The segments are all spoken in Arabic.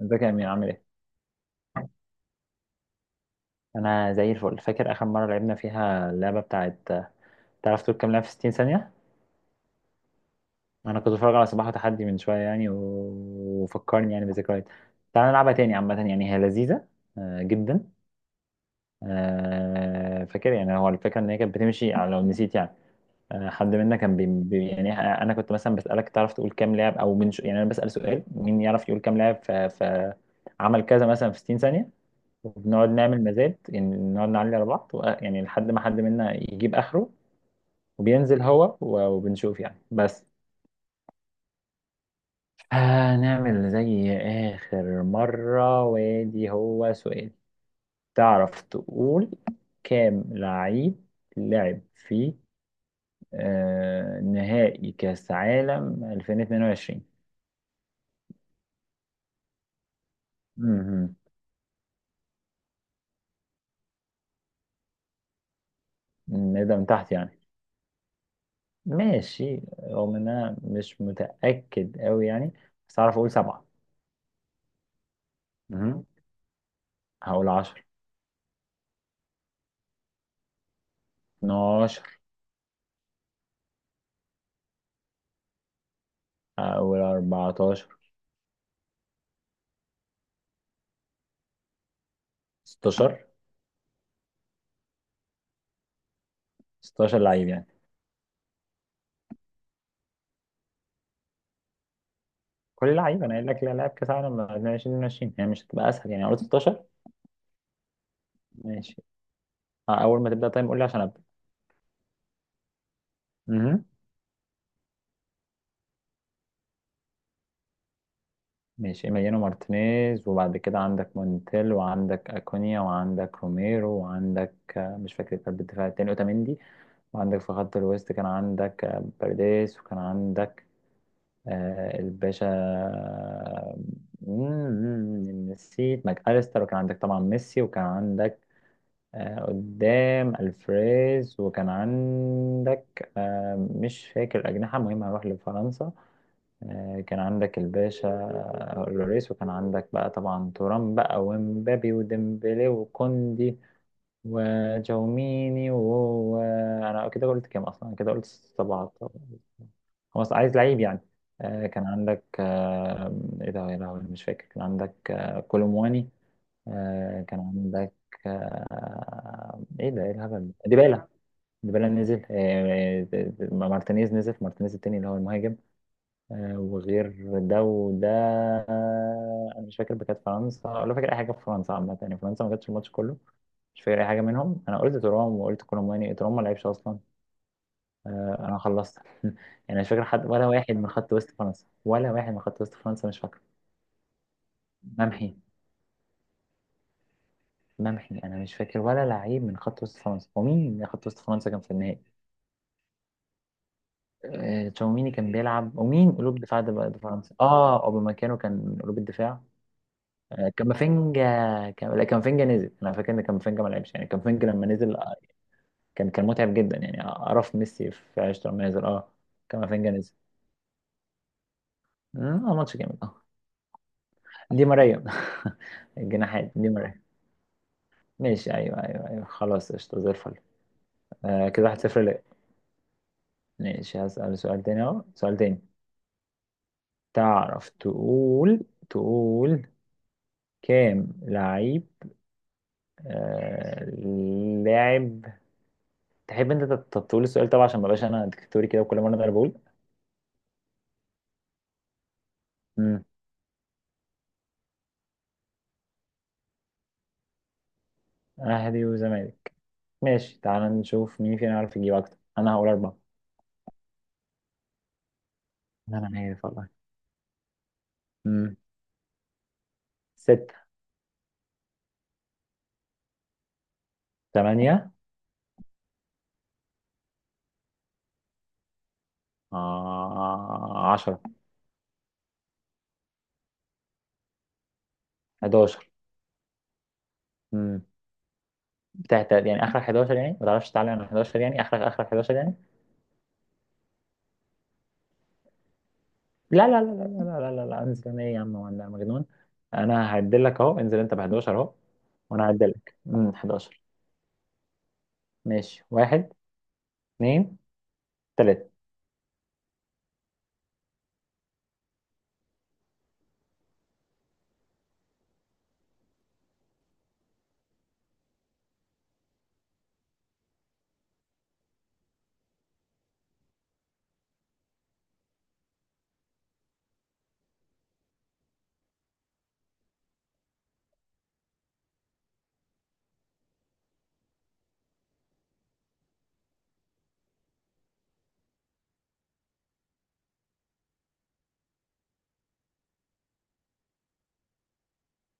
ازيك يا امين، عامل ايه؟ انا زي الفل. فاكر اخر مره لعبنا فيها اللعبه بتاعت تعرف تقول كام لعبه في 60 ثانيه؟ انا كنت بتفرج على صباح وتحدي من شويه يعني وفكرني يعني بذكريات. تعال نلعبها تاني. عامه يعني هي لذيذه. جدا. فاكر يعني هو الفكره ان هي كانت بتمشي على لو نسيت يعني. حد منا كان يعني انا كنت مثلا بسالك تعرف تقول كام لاعب يعني انا بسال سؤال مين يعرف يقول كام لاعب عمل كذا مثلا في 60 ثانيه؟ وبنقعد نعمل مزاد. يعني نقعد نعلي على بعض يعني لحد ما حد منا يجيب آخره، وبينزل هو وبنشوف يعني بس. هنعمل زي آخر مرة، وادي هو سؤال. تعرف تقول كام لعيب لعب في نهائي كأس عالم 2022؟ امم. نبدأ من تحت يعني. ماشي، رغم ان انا مش متأكد قوي يعني. بس اعرف اقول سبعة. مهم. هقول 10. 12. او 14. 16. 16 لعيب يعني. كل لعيب انا قايل لك. لا، لاعب كاس عالم 2022 يعني، مش هتبقى اسهل يعني؟ قلت 16. ماشي. اول ما تبدا طيب قول لي عشان ابدا. امم. ماشي، إيميليانو مارتينيز، وبعد كده عندك مونتيل، وعندك أكونيا، وعندك روميرو، وعندك، مش فاكر قلب الدفاع التاني، أوتاميندي. وعندك في خط الوسط كان عندك بيريز، وكان عندك الباشا، نسيت، ماك أليستر. وكان عندك طبعا ميسي، وكان عندك قدام الفريز، وكان عندك مش فاكر الأجنحة. المهم هروح لفرنسا. كان عندك الباشا لوريس، وكان عندك بقى طبعا تورام بقى، ومبابي، وديمبلي، وكوندي، وجوميني، وهو، انا كده قلت كام اصلا؟ أنا كده قلت 17. خلاص، عايز لعيب يعني. كان عندك، ايه ده يا لهوي، مش فاكر. كان عندك كولومواني. كان عندك، ايه ده؟ ايه الهبل ده؟ ديبالا. ديبالا نزل. مارتينيز نزل، مارتينيز التاني اللي هو المهاجم. وغير ده وده. انا مش فاكر كانت فرنسا، ولا فاكر اي حاجه في فرنسا عامه يعني. فرنسا ما جاتش الماتش كله. مش فاكر اي حاجه منهم. انا قلت ترام وقلت كولوماني. ترام ما لعبش اصلا. انا خلصت. يعني مش فاكر حد، ولا واحد من خط وسط فرنسا، ولا واحد من خط وسط فرنسا، مش فاكره. ممحي. ممحي. انا مش فاكر ولا لعيب من خط وسط فرنسا. ومين من خط وسط فرنسا كان في النهائي؟ تشاوميني كان بيلعب. ومين قلوب دفاع ده بقى؟ ده فرنسا. اه، اوبامكانو كان قلوب الدفاع. كامافينجا. لا، كامافينجا نزل. انا فاكر ان كامافينجا ما لعبش يعني. كامافينجا لما نزل، كان متعب جدا يعني. اعرف ميسي في عشرة لما نزل. اه. كامافينجا نزل. مم. اه، ماتش جامد، اه. دي ماريا. الجناحات دي ماريا. ماشي، ايوه، ايوه، ايوه، خلاص، قشطة زي الفل. كده واحد صفر ليه. ماشي، هسأل سؤال تاني، اهو سؤال تاني. تعرف تقول، تقول كام لعيب آه لاعب تحب انت تقول السؤال طبعا، عشان ما بقاش انا ديكتاتوري كده وكل مره انا بقول. امم. اهلي وزمالك. ماشي، تعال نشوف مين فينا عارف يجيب اكتر. انا هقول اربعة. انا عارف والله. امم. ستة. تمانية. 10. 11. امم. تحت يعني، اخرك 11 يعني؟ ما تعرفش تعلي على 11 يعني؟ اخرك، اخرك 11 يعني؟ لا، لا، لا، لا، لا، لا، لا، لا. انزل انا؟ ايه يا عم، وانا مجنون؟ انا هعدلك اهو، انزل انت ب 11 اهو. وانا هعدلك، 11. ماشي، واحد، اتنين، تلاتة.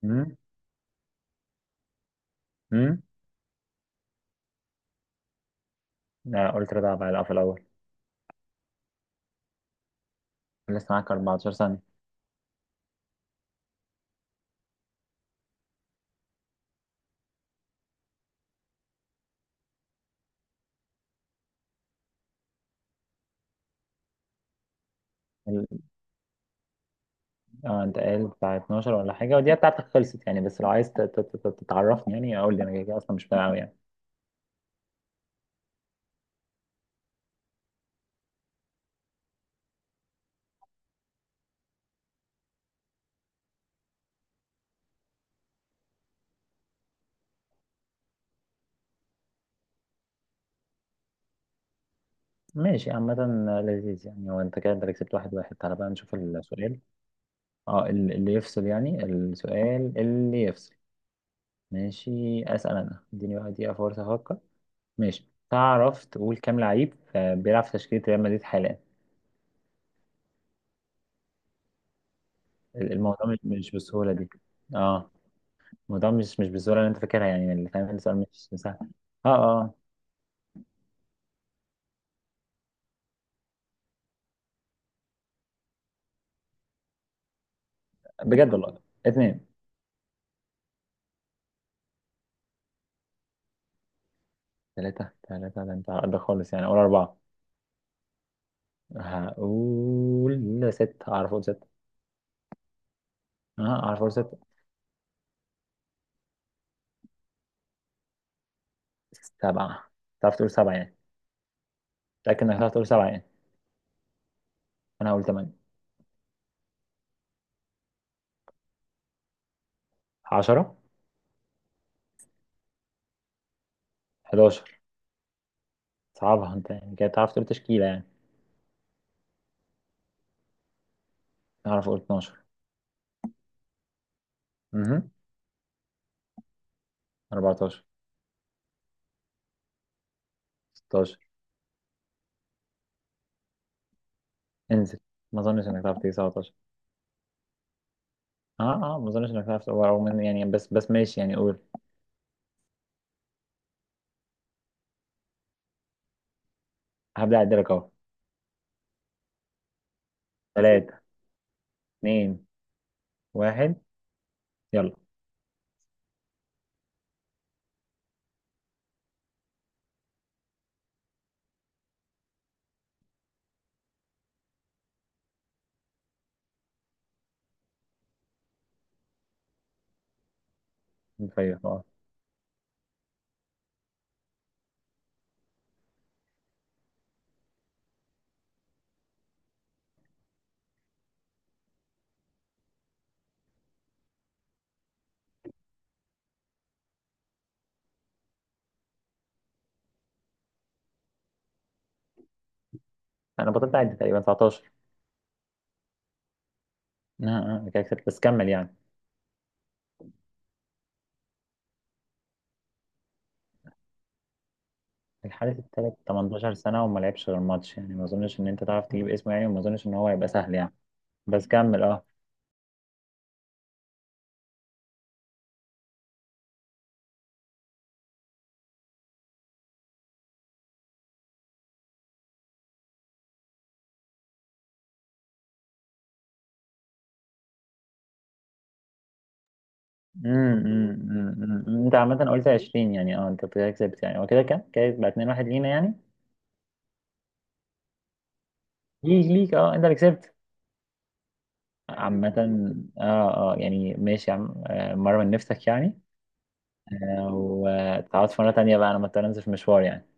امم. امم. لا، قلت رضا بقى في الاول. لسه معاك 14 ثانية. اه، انت قايل بتاع 12 ولا حاجة؟ ودي بتاعتك خلصت يعني، بس لو عايز تتعرفني يعني اقول لي، انا كده كده اصلا مش فاهم أوي يعني. ماشي، عامة. لذيذ يعني. هو انت كده، انت كسبت واحد واحد. تعالى بقى نشوف السؤال. اه، اللي يفصل يعني، السؤال اللي يفصل. ماشي، اسأل. انا اديني بقى دقيقة فرصة افكر. ماشي، تعرف تقول كام لعيب بيلعب في تشكيلة ريال مدريد حاليا؟ الموضوع مش بالسهولة دي. اه، الموضوع مش بالسهولة اللي انت فاكرها يعني. اللي فاهم السؤال مش سهل. اه، اه، بجد والله. اتنين. ثلاثة، ثلاثة؟ ده انت ده خالص يعني. اقول أربعة. هقول ستة، أعرف أقول ستة. أه، أعرف أقول ستة. سبعة. تعرف تقول سبعة يعني؟ متأكد إنك تعرف تقول سبعة يعني؟ أنا هقول تمانية. 10. 11. صعبها أنت يعني كده، تعرف تقول تشكيلة يعني؟ أعرف أقول 12. أمم. 14. 16. انزل. ما أظنش إنك تعرف تيجي 17. أه، أه، ما أظنش إنك تعرف تقول أو من يعني، بس ماشي يعني. قول. هبدأ أعدلك أهو. تلاتة، اتنين، واحد، يلا. طيب، أنا بطلت أعد، تقريبا 19. كده كسبت، بس كمل يعني. الحارس التالت 18 سنة وما لعبش غير ماتش يعني، ما أظنش إن أنت تعرف تجيب اسمه يعني، وما أظنش إن هو هيبقى سهل يعني. بس كمل، أه. أمم، أمم، أمم، أمم. أنت عامة قلت 20 يعني. أنت كده كسبت يعني. هو كده كام؟ كده يبقى 2-1 لينا يعني. ليك، ليك، أه، أنت اللي كسبت. عامة، أه، أه، يعني ماشي يا عم. مرة من نفسك يعني. وتعوض في مرة تانية بقى. أنا مضطر أنزل في مشوار يعني.